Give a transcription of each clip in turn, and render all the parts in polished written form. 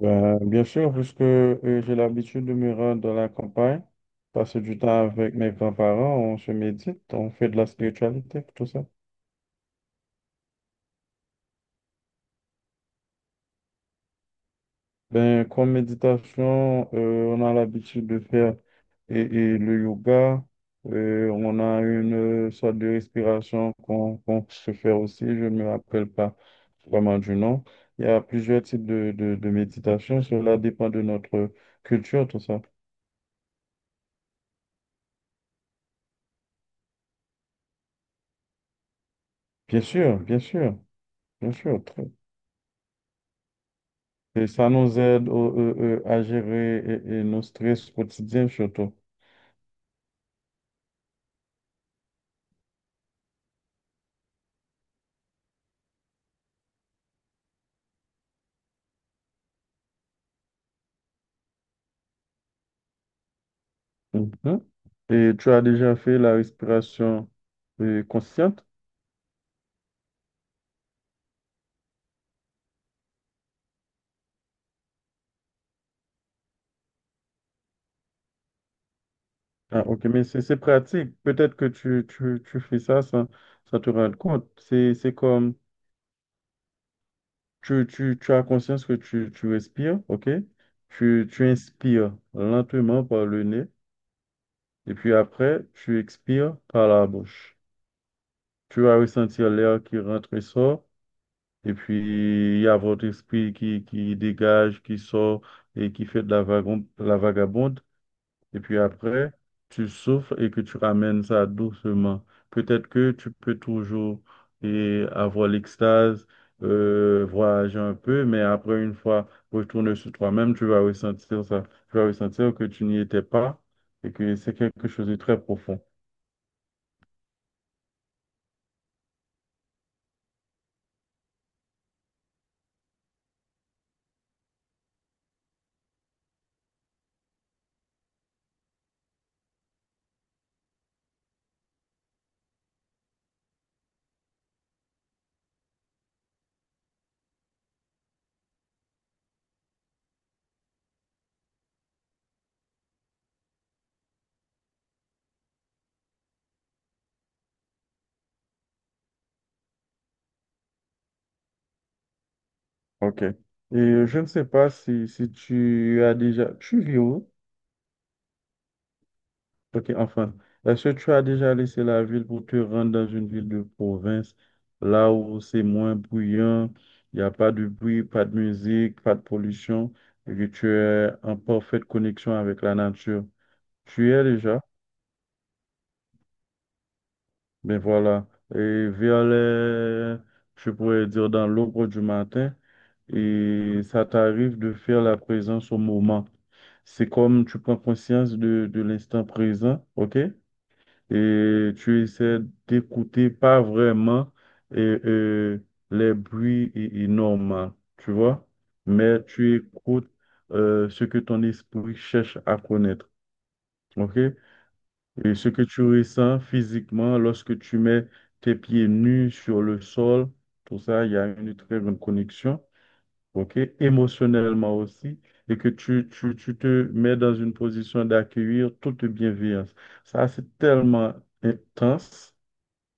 Ben, bien sûr, puisque j'ai l'habitude de me rendre dans la campagne, passer du temps avec mes grands-parents, on se médite, on fait de la spiritualité, tout ça. Ben, comme méditation, on a l'habitude de faire et le yoga, on a une sorte de respiration qu'on se fait aussi, je ne me rappelle pas vraiment du nom. Il y a plusieurs types de méditation, cela dépend de notre culture, tout ça. Bien sûr, bien sûr, bien sûr. Et ça nous aide à gérer et nos stress quotidiens surtout. Mhm. Et tu as déjà fait la respiration consciente? Ah, ok, mais c'est pratique. Peut-être que tu fais ça sans te rendre compte. C'est comme tu as conscience que tu respires, ok? Tu inspires lentement par le nez et puis après, tu expires par la bouche. Tu vas ressentir l'air qui rentre et sort et puis il y a votre esprit qui dégage, qui sort et qui fait de la la vagabonde. Et puis après, tu souffles et que tu ramènes ça doucement. Peut-être que tu peux toujours et avoir l'extase, voyager un peu, mais après, une fois retourné sur toi-même, tu vas ressentir ça. Tu vas ressentir que tu n'y étais pas et que c'est quelque chose de très profond. OK. Et je ne sais pas si, si tu as déjà... Tu vis où? Ok, enfin, est-ce que tu as déjà laissé la ville pour te rendre dans une ville de province, là où c'est moins bruyant, il n'y a pas de bruit, pas de musique, pas de pollution, et que tu es en parfaite connexion avec la nature? Tu y es déjà, ben voilà, et vers je pourrais dire dans l'aube du matin, et ça t'arrive de faire la présence au moment. C'est comme tu prends conscience de l'instant présent, ok? Et tu essaies d'écouter pas vraiment euh, euh, les bruits normaux, tu vois, mais tu écoutes ce que ton esprit cherche à connaître, ok? Et ce que tu ressens physiquement lorsque tu mets tes pieds nus sur le sol, tout ça, il y a une très grande connexion, ok? Émotionnellement aussi. Et que tu te mets dans une position d'accueillir toute bienveillance. Ça, c'est tellement intense,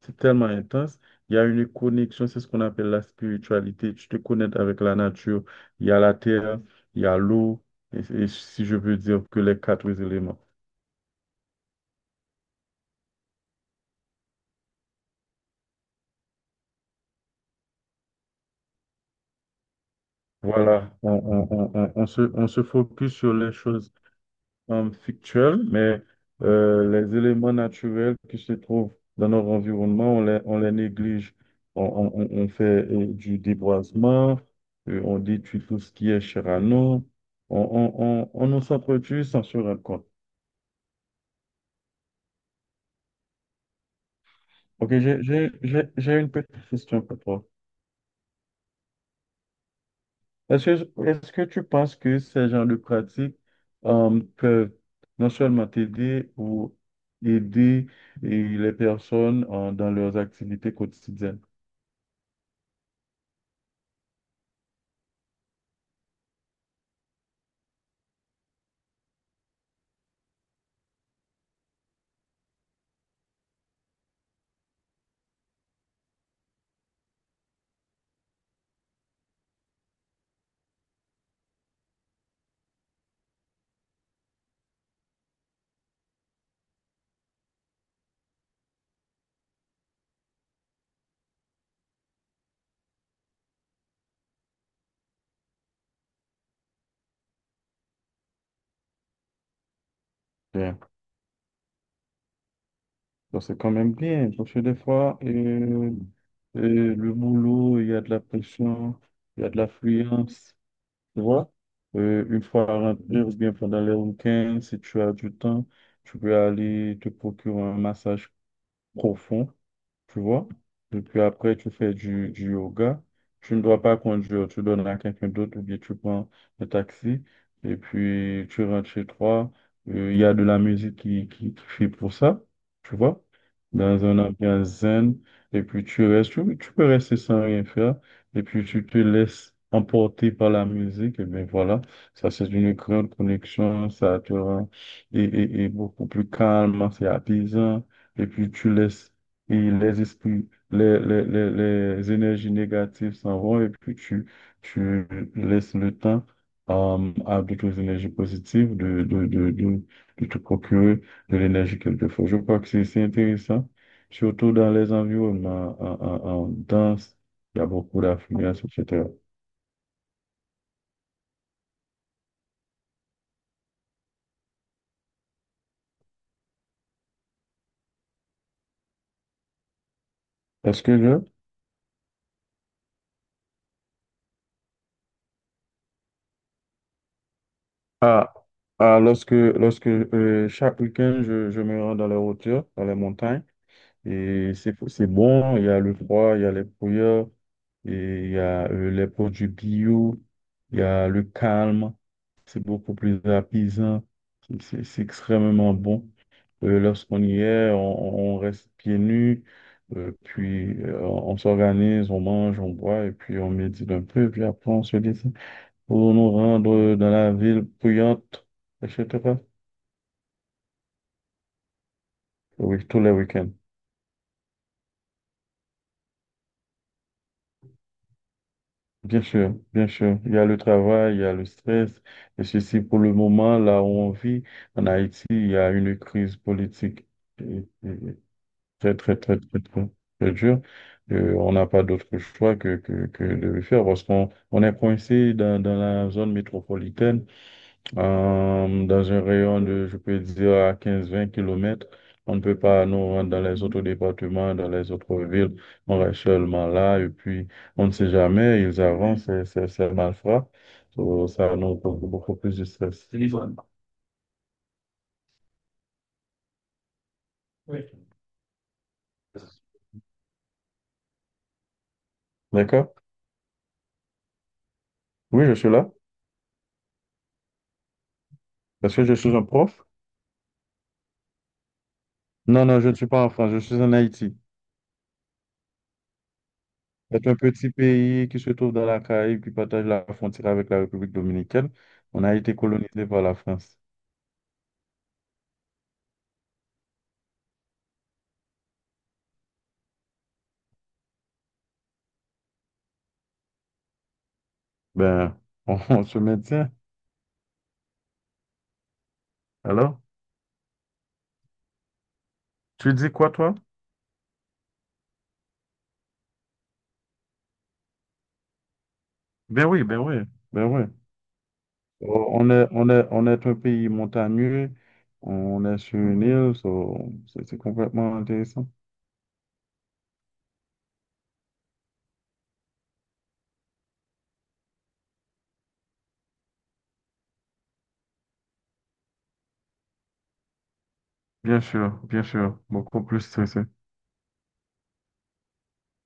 c'est tellement intense. Il y a une connexion, c'est ce qu'on appelle la spiritualité. Tu te connectes avec la nature. Il y a la terre, il y a l'eau, et si je peux dire que les quatre éléments. Voilà, on se focus sur les choses fictuelles, mais les éléments naturels qui se trouvent dans notre environnement, on les néglige. On fait du déboisement, on détruit tout ce qui est cher à nous. On nous s'entretue sans se rendre compte. Ok, j'ai une petite question pour toi. Est-ce que tu penses que ces genres de pratiques peuvent non seulement t'aider ou aider et les personnes dans leurs activités quotidiennes? Bien. Donc, c'est quand même bien, parce que des fois, le boulot, il y a de la pression, il y a de l'affluence, tu vois? Une fois rentré ou bien pendant les week-ends, si tu as du temps, tu peux aller te procurer un massage profond, tu vois. Et puis après, tu fais du yoga. Tu ne dois pas conduire, tu donnes à quelqu'un d'autre ou bien tu prends un taxi et puis tu rentres chez toi. Il y a de la musique qui fait pour ça, tu vois, dans un ambiance zen. Et puis tu restes, tu peux rester sans rien faire. Et puis tu te laisses emporter par la musique. Et bien voilà, ça c'est une grande connexion. Ça te rend et beaucoup plus calme, c'est apaisant. Et puis tu laisses et les esprits, les énergies négatives s'en vont et puis tu laisses le temps à d'autres énergies positives de te procurer de l'énergie quelquefois. Je crois que c'est intéressant, surtout dans les environnements en danse, il y a beaucoup d'affluence, etc. Est-ce que je... Ah, ah, lorsque chaque week-end, je me rends dans les hauteurs, dans les montagnes, et c'est bon, il y a le froid, il y a les brouillards, et il y a les produits bio, il y a le calme, c'est beaucoup plus apaisant, c'est extrêmement bon. Lorsqu'on y est, on reste pieds nus, puis on s'organise, on mange, on boit, et puis on médite un peu, puis après on se dit pour nous rendre dans la ville bruyante, etc. Oui, tous les week-ends. Bien sûr, bien sûr. Il y a le travail, il y a le stress. Et ceci, pour le moment, là où on vit, en Haïti, il y a une crise politique et- et- très, très, très, très, très dure. On n'a pas d'autre choix que de le faire parce qu'on est coincé dans la zone métropolitaine. Dans un rayon de, je peux dire, à quinze-vingt kilomètres, on ne peut pas nous rendre dans les autres départements, dans les autres villes. On reste seulement là et puis on ne sait jamais, ils avancent, c'est malfrats. So, ça nous cause beaucoup plus de stress. Téléphone. Oui. D'accord? Oui, je suis là. Est-ce que je suis un prof? Non, non, je ne suis pas en France, je suis en Haïti. C'est un petit pays qui se trouve dans la Caraïbe, qui partage la frontière avec la République dominicaine. On a été colonisé par la France. Ben, on, on se maintient. Alors, tu dis quoi, toi? Ben oui, ben oui, ben oui. Oh, on est, on est un pays montagneux, on est sur une île, so, c'est complètement intéressant. Bien sûr, beaucoup plus stressé.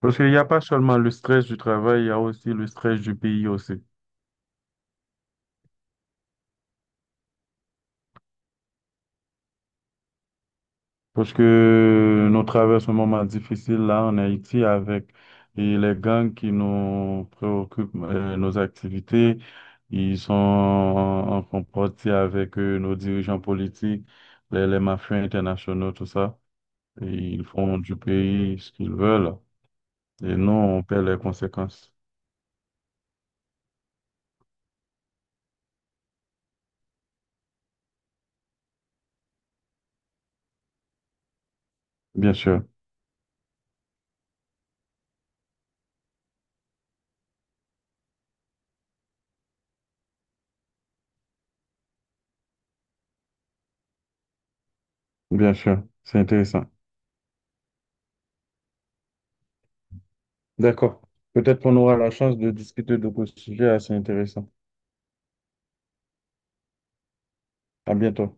Parce qu'il n'y a pas seulement le stress du travail, il y a aussi le stress du pays aussi. Parce que nous traversons un moment difficile là en Haïti avec et les gangs qui nous préoccupent nos activités. Ils sont en compétition avec nos dirigeants politiques, les mafias internationaux, tout ça. Et ils font du pays ce qu'ils veulent. Et nous, on paie les conséquences. Bien sûr, bien sûr. C'est intéressant. D'accord. Peut-être qu'on aura la chance de discuter de ce sujet assez intéressant. À bientôt.